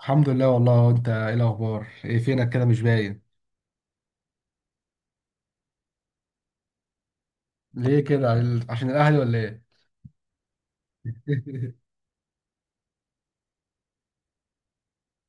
الحمد لله والله، انت ايه الاخبار؟ ايه فينك كده مش باين؟ ليه كده عشان الاهلي ولا ايه؟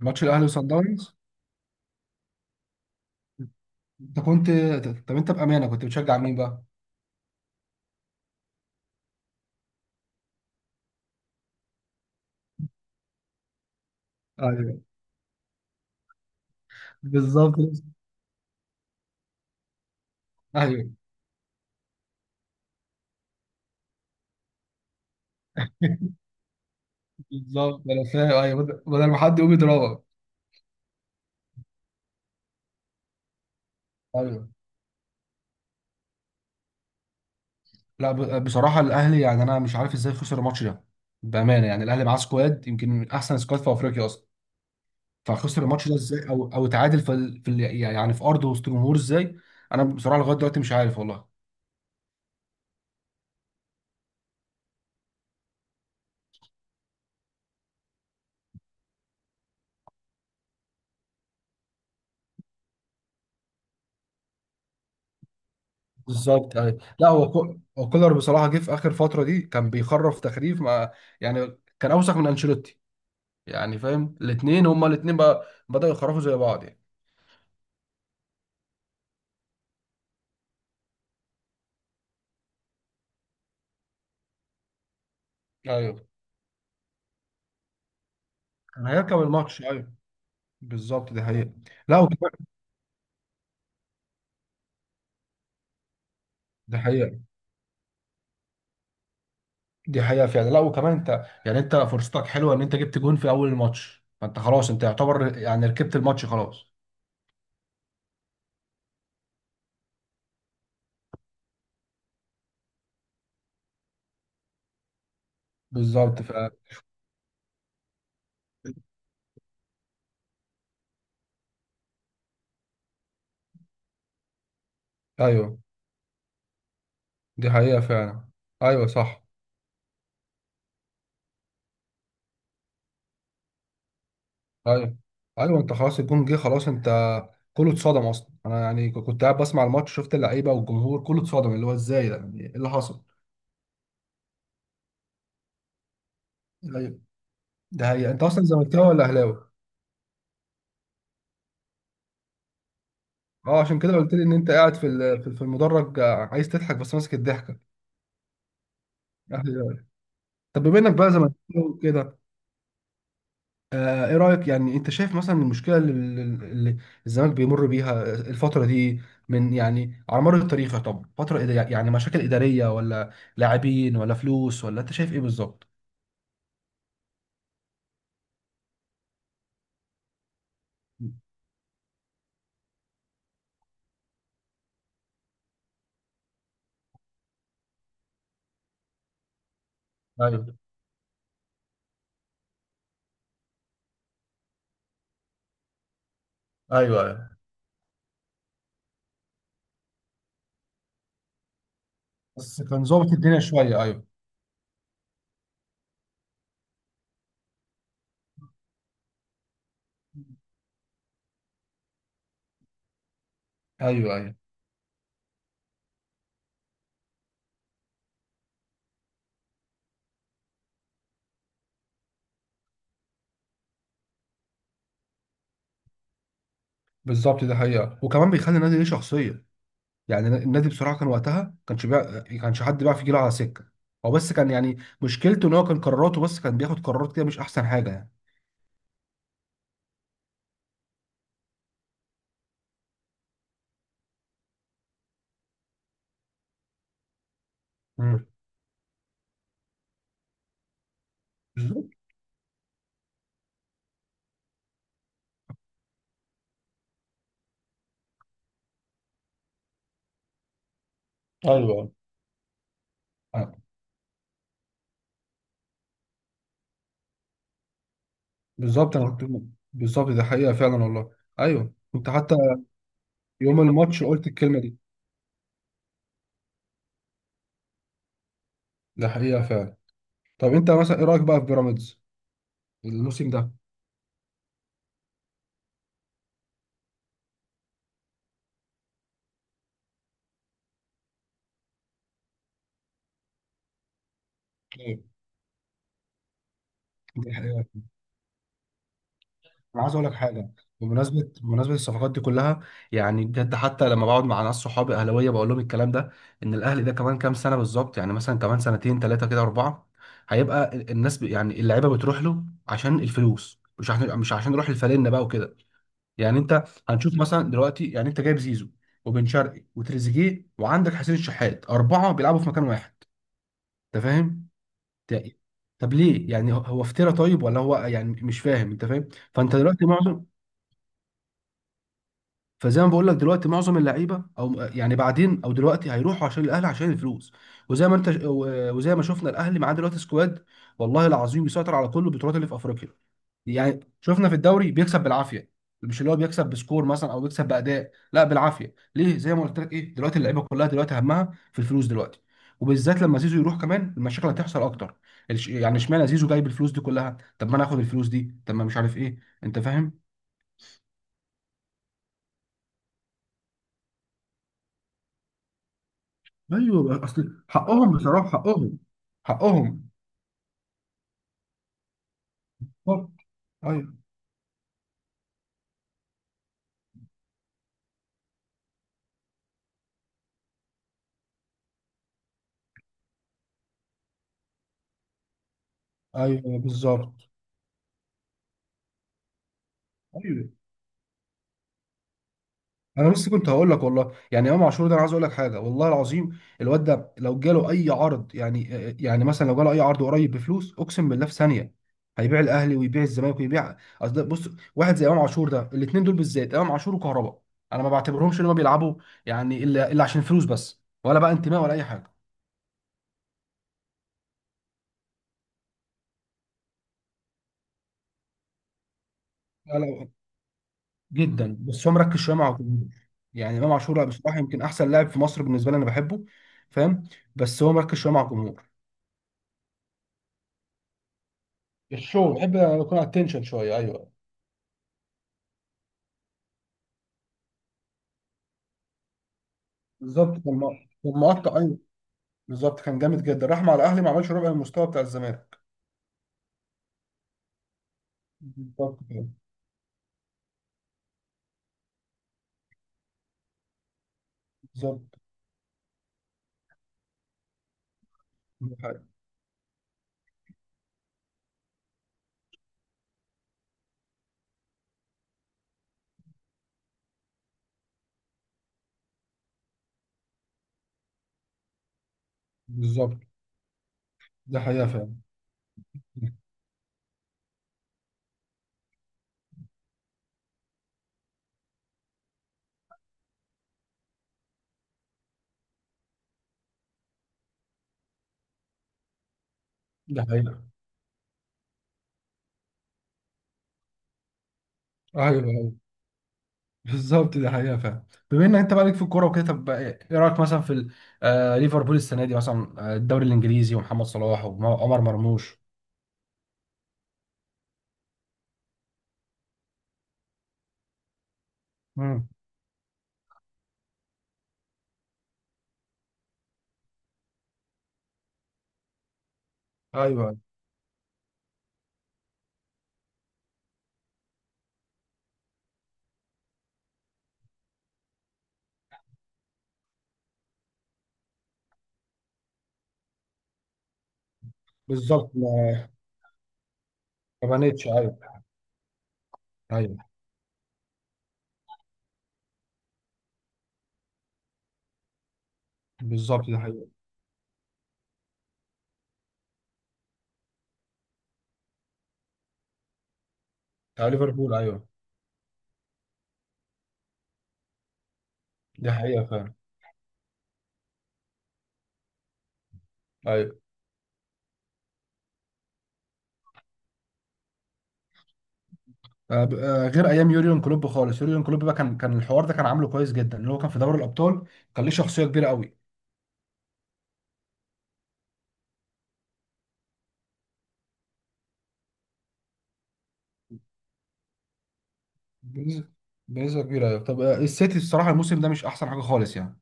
ماتش الاهلي وصن داونز. انت كنت طب انت بامانه كنت بتشجع مين بقى؟ ايوه. بالظبط. ايوه، بالظبط انا فاهم. ايوه، بدل ما حد يقوم يضربك. ايوه. لا، بصراحه الاهلي، يعني انا مش عارف ازاي خسر الماتش ده. بامانه، يعني الاهلي معاه سكواد يمكن من احسن سكواد في افريقيا اصلا. فخسر الماتش ده ازاي، او اتعادل يعني في ارضه وسط جمهور ازاي؟ انا بصراحه لغايه دلوقتي مش عارف والله. بالظبط. ايوه، لا هو كولر بصراحه جه في اخر فتره دي كان بيخرف تخريف مع. يعني كان اوسخ من انشيلوتي. يعني فاهم الاثنين هما الاثنين بقى بداوا يخرفوا زي بعض يعني. ايوه، كان هيركب الماتش. ايوه، بالظبط دي حقيقه. لا وكمان. دي حقيقه. دي حقيقه فعلا، لا وكمان انت، يعني انت فرصتك حلوه ان انت جبت جون في اول الماتش، فانت خلاص، انت يعتبر يعني ركبت الماتش خلاص. بالظبط فعلا. ايوه. دي حقيقه فعلا. ايوه صح. ايوه، ايوه، انت خلاص الجون جه، خلاص انت. كله اتصدم اصلا انا، يعني كنت قاعد بسمع الماتش، شفت اللعيبه والجمهور كله اتصدم، اللي هو ازاي ده، يعني ايه اللي حصل. ايوه. ده هي انت اصلا زملكاوي ولا اهلاوي؟ اه، عشان كده قلت لي ان انت قاعد في ال- في في المدرج، عايز تضحك بس ماسك الضحكه. أهلاوي. طب بما انك بقى زملكاوي كده، ايه رأيك يعني، انت شايف مثلا المشكلة اللي الزمالك بيمر بيها الفترة دي، من يعني على مر التاريخ؟ طب فترة يعني مشاكل إدارية ولا لاعبين ولا فلوس، ولا انت شايف ايه بالظبط؟ ايوه، ايوه، ايوه. بس كان ظابط الدنيا شوية. ايوه، ايوه، ايوه، بالظبط، ده حقيقة. وكمان بيخلي النادي ليه شخصية. يعني النادي بصراحة كان وقتها كانش حد بيعرف يجيله على سكة. هو بس كان، يعني مشكلته ان هو كان قراراته، بس كان بياخد قرارات كده مش احسن حاجة يعني. مم. بالظبط. ايوه، بالظبط انا كنت. بالظبط ده حقيقه فعلا والله. ايوه، كنت حتى يوم الماتش قلت الكلمه دي. ده حقيقه فعلا. طب انت مثلا ايه رايك بقى في بيراميدز الموسم ده؟ ايه. دي حقيقه. انا عايز اقول لك حاجه. بمناسبه الصفقات دي كلها، يعني بجد، حتى لما بقعد مع ناس صحابي اهلاويه بقول لهم الكلام ده، ان الاهلي ده كمان كام سنه بالظبط، يعني مثلا كمان سنتين ثلاثه كده اربعه، هيبقى الناس يعني اللعيبه بتروح له عشان الفلوس، مش عشان يروح الفالنه بقى وكده. يعني انت هنشوف مثلا دلوقتي، يعني انت جايب زيزو وبن شرقي وتريزيجيه وعندك حسين الشحات، اربعه بيلعبوا في مكان واحد. انت فاهم؟ ت- طب ليه يعني، هو افترى طيب ولا هو يعني مش فاهم، انت فاهم؟ فانت دلوقتي معظم. فزي ما بقول لك، دلوقتي معظم اللعيبه، او يعني بعدين، او دلوقتي هيروحوا عشان الاهلي عشان الفلوس. وزي ما انت وزي ما شفنا الاهلي معاه دلوقتي سكواد، والله العظيم بيسيطر على كل البطولات اللي في افريقيا. يعني شفنا في الدوري بيكسب بالعافيه، مش اللي هو بيكسب بسكور مثلا، او بيكسب باداء، لا بالعافيه. ليه؟ زي ما قلت لك، ايه دلوقتي اللعيبه كلها دلوقتي همها في الفلوس دلوقتي. وبالذات لما زيزو يروح كمان، المشاكل هتحصل اكتر. يعني اشمعنى زيزو جايب الفلوس دي كلها؟ طب ما انا اخد الفلوس دي، طب ما مش عارف ايه، انت فاهم؟ ايوه بقى، اصل حقهم بصراحه، حقهم. حقهم. بالظبط. ايوه، ايوه. بالظبط. ايوه، انا بس كنت هقول لك، والله يعني امام عاشور ده، انا عايز اقول لك حاجه والله العظيم، الواد ده لو جاله اي عرض يعني، يعني مثلا لو جاله اي عرض قريب بفلوس، اقسم بالله في ثانيه هيبيع الاهلي ويبيع الزمالك ويبيع، اصل ده بص، واحد زي امام عاشور ده، الاثنين دول بالذات، امام عاشور وكهربا، انا ما بعتبرهمش ان هم بيلعبوا يعني الا عشان فلوس بس، ولا بقى انتماء ولا اي حاجه. لا، لا. جدا، بس هو مركز شويه مع اوتومير. يعني امام عاشور، لا، بصراحه يمكن احسن لاعب في مصر، بالنسبه لي انا بحبه. فاهم؟ بس هو مركز شويه مع الجمهور. الشو بحب يكون على التنشن شويه، ايوه. بالظبط كان كان مقطع، ايوه. بالظبط كان جامد جدا، راح مع الاهلي ما عملش ربع المستوى بتاع الزمالك. بالظبط كده. بالظبط ده حقيقة. بالظبط ده حقيقه فعلا. ده حقيقه. ايوه، أيوة. بالظبط دي حقيقة فعلا. بما ان انت بقالك في الكورة وكده، طب ايه رأيك مثلا ليفربول السنة دي مثلا، الدوري الانجليزي ومحمد صلاح وعمر مرموش. مم. ايوه. بالظبط ما. ما بانتش، ايوه. ايوه. بالظبط دي حقيقة. بتاع ليفربول، ايوه. دي حقيقة فعلا. ايوه. غير ايام يوريون كلوب خالص، يوريون كلوب بقى كان الحوار ده كان عامله كويس جدا، اللي هو كان في دوري الابطال. كان ليه شخصية كبيرة قوي. بنسبة بنسبة كبيرة ايوه. طب السيتي الصراحة الموسم ده مش احسن حاجة خالص يعني.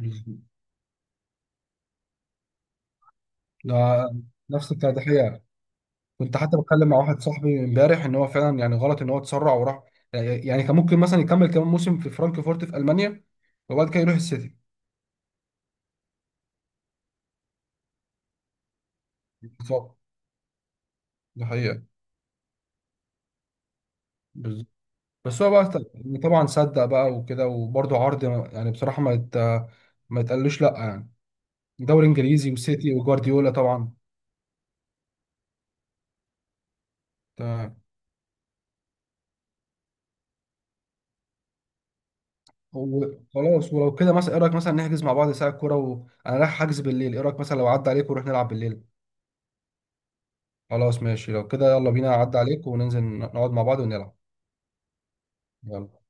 ايوه. ده نفس بتاع دحيح. كنت حتى بتكلم مع واحد صاحبي امبارح ان هو فعلا يعني غلط ان هو اتسرع وراح. يعني كان ممكن مثلا يكمل كمان موسم في فرانكفورت في المانيا، وبعد كده يروح السيتي. بالظبط. ده حقيقة. بالظبط. بس هو بقى طبعا صدق بقى وكده، وبرده عرض يعني بصراحة ما يتقالوش لا يعني. دوري انجليزي وسيتي وجوارديولا طبعا. تمام. وخلاص، ولو كده مثلا ايه رايك مثلا نحجز مع بعض ساعة كورة، وانا رايح حجز بالليل. ايه رايك مثلا لو عدى عليك ونروح نلعب بالليل؟ خلاص ماشي، لو كده يلا بينا، اعدي عليك وننزل نقعد مع بعض ونلعب. يلا